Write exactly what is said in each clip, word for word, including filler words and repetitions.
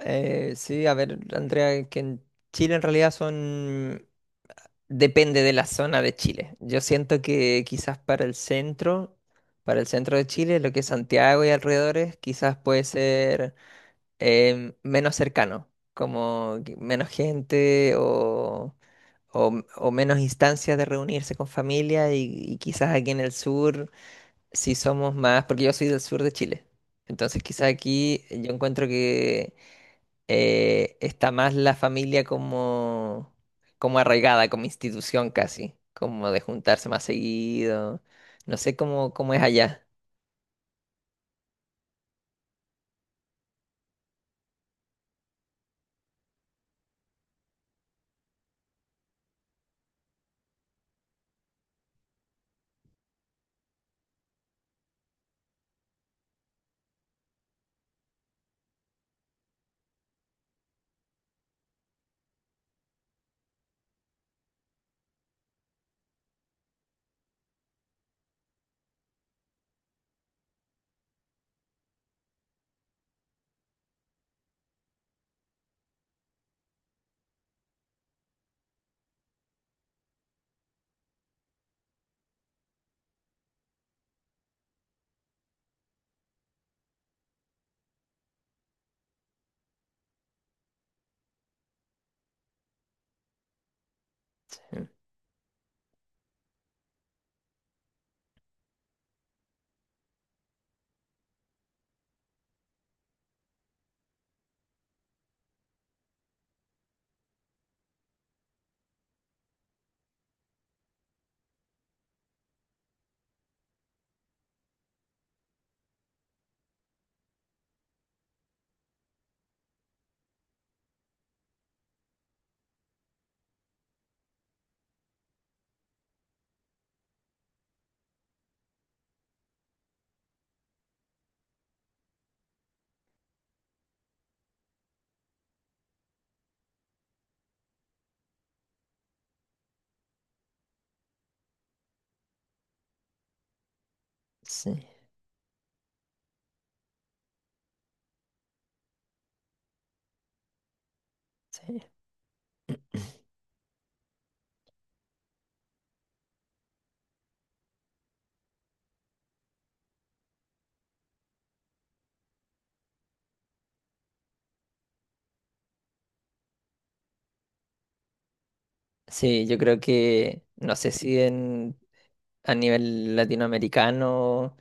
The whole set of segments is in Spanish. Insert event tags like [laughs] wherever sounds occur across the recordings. Eh, sí, a ver, Andrea, que en Chile en realidad son... Depende de la zona de Chile. Yo siento que quizás para el centro, para el centro de Chile, lo que es Santiago y alrededores, quizás puede ser em, menos cercano, como que menos gente o, o- o menos instancias de reunirse con familia y, y quizás aquí en el sur, si somos más, porque yo soy del sur de Chile. Entonces quizás aquí yo encuentro que eh, está más la familia como, como arraigada, como institución casi, como de juntarse más seguido. No sé cómo, cómo es allá. Mm. Sí, sí. Sí, yo creo que, no sé si en, a nivel latinoamericano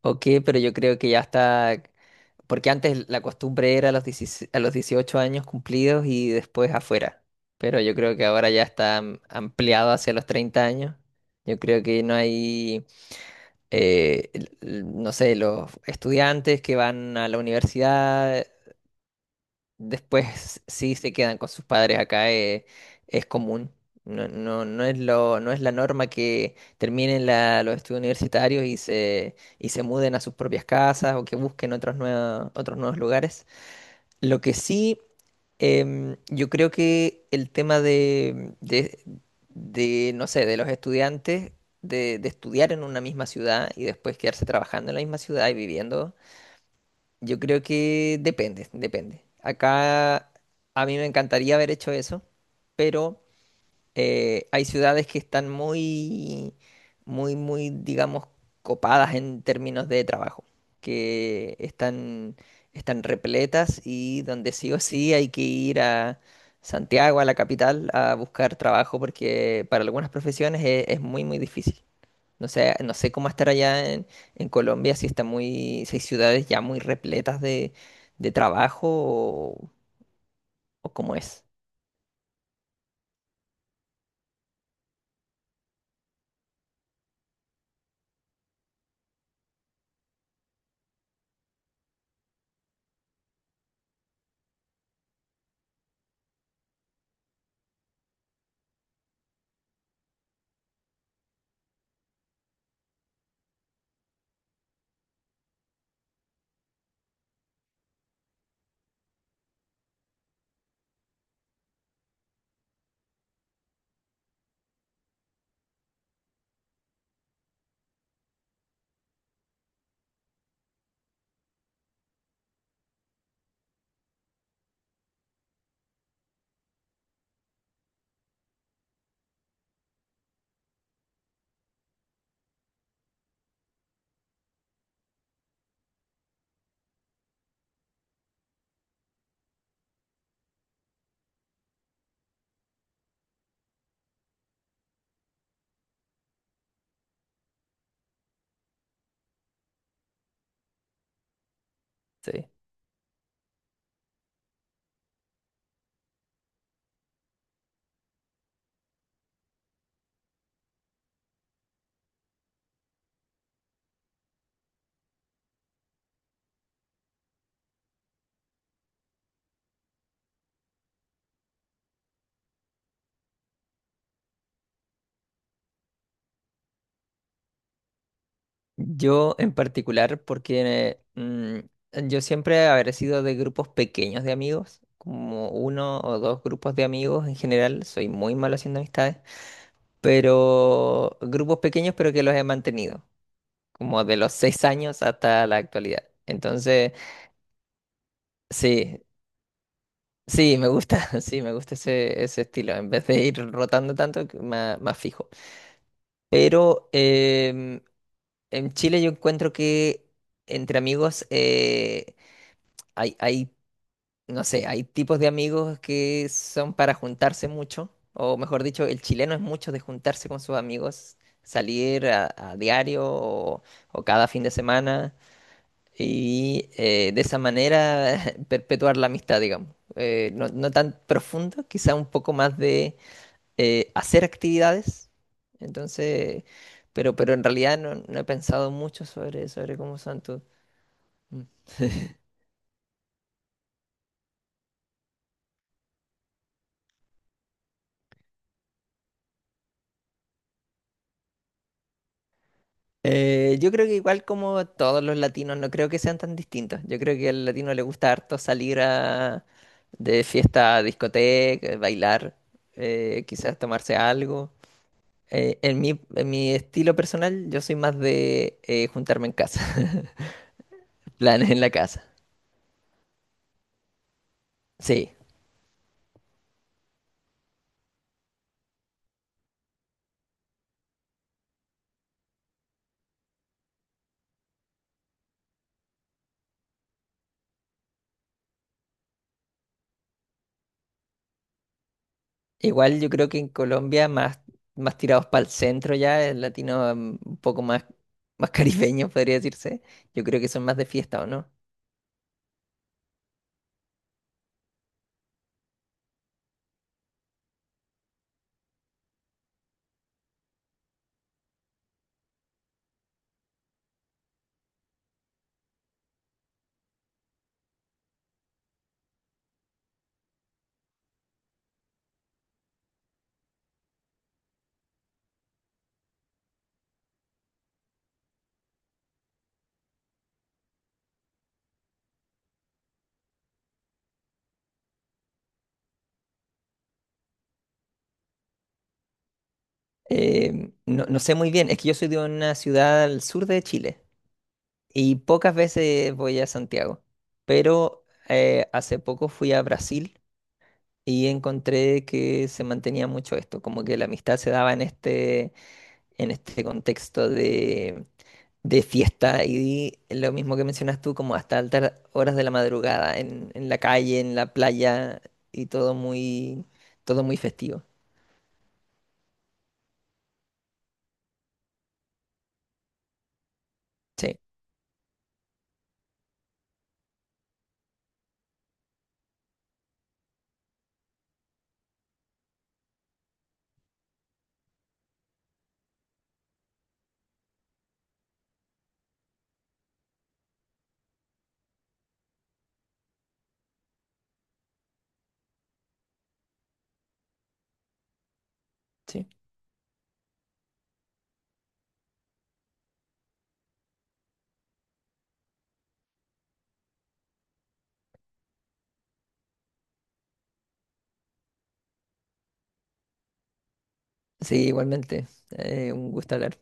o qué, pero yo creo que ya está, porque antes la costumbre era a los dieciséis a los dieciocho años cumplidos y después afuera, pero yo creo que ahora ya está am- ampliado hacia los treinta años. Yo creo que no hay eh, el- el- no sé, los estudiantes que van a la universidad, después sí se quedan con sus padres acá, eh, es común. No, no, no es lo, no es la norma que terminen la- los estudios universitarios y se, y se muden a sus propias casas o que busquen otros nuevos, otros nuevos lugares. Lo que sí, em, yo creo que el tema de, de- de, no sé, de los estudiantes, de, de estudiar en una misma ciudad y después quedarse trabajando en la misma ciudad y viviendo, yo creo que depende, depende. Acá a mí me encantaría haber hecho eso, pero eh, hay ciudades que están muy, muy, muy, digamos, copadas en términos de trabajo, que están, están repletas y donde sí o sí hay que ir a Santiago, a la capital, a buscar trabajo porque para algunas profesiones e- es, muy, muy difícil. No sé, no sé cómo estar allá en, en Colombia, si está muy, si hay ciudades ya muy repletas de, de trabajo o, o cómo es. Sí. Yo en particular, porque mm, yo siempre habré sido de grupos pequeños de amigos, como uno o dos grupos de amigos en general, soy muy malo haciendo amistades, pero grupos pequeños pero que los he mantenido, como de los seis años hasta la actualidad. Entonces, sí, sí, me gusta, [laughs] sí, me gusta ese, ese estilo, en vez de ir rotando tanto, que más, más fijo. Pero em, en Chile yo encuentro que entre amigos... eh, hay, hay no sé, hay tipos de amigos que son para juntarse mucho, o mejor dicho, el chileno es mucho de juntarse con sus amigos, salir a, a diario o, o cada fin de semana y eh, de esa manera [laughs] perpetuar la amistad, digamos. Eh, no, no tan profundo, quizá un poco más de eh, hacer actividades. Entonces, pero, pero en realidad no, no he pensado mucho sobre, sobre cómo son tus... Eh, yo creo que igual como todos los latinos, no creo que sean tan distintos. Yo creo que al latino le gusta harto salir a, de fiesta a discoteca, bailar, eh, quizás tomarse algo. Eh, en mi, en mi estilo personal, yo soy más de eh, juntarme en casa, [laughs] planes en la casa. Sí, igual yo creo que en Colombia más, más tirados para el centro ya, el latino mm, un poco más, más caribeño podría decirse. Yo creo que son más de fiesta, ¿o no? Eh, no, no sé muy bien, es que yo soy de una ciudad al sur de Chile y pocas veces voy a Santiago, pero eh, hace poco fui a Brasil y encontré que se mantenía mucho esto, como que la amistad se daba en este, en este contexto de, de fiesta y lo mismo que mencionas tú, como hasta altas horas de la madrugada, en, en la calle, en la playa y todo muy, todo muy festivo. Sí, sí. Sí, igualmente. Eh, un gusto hablar.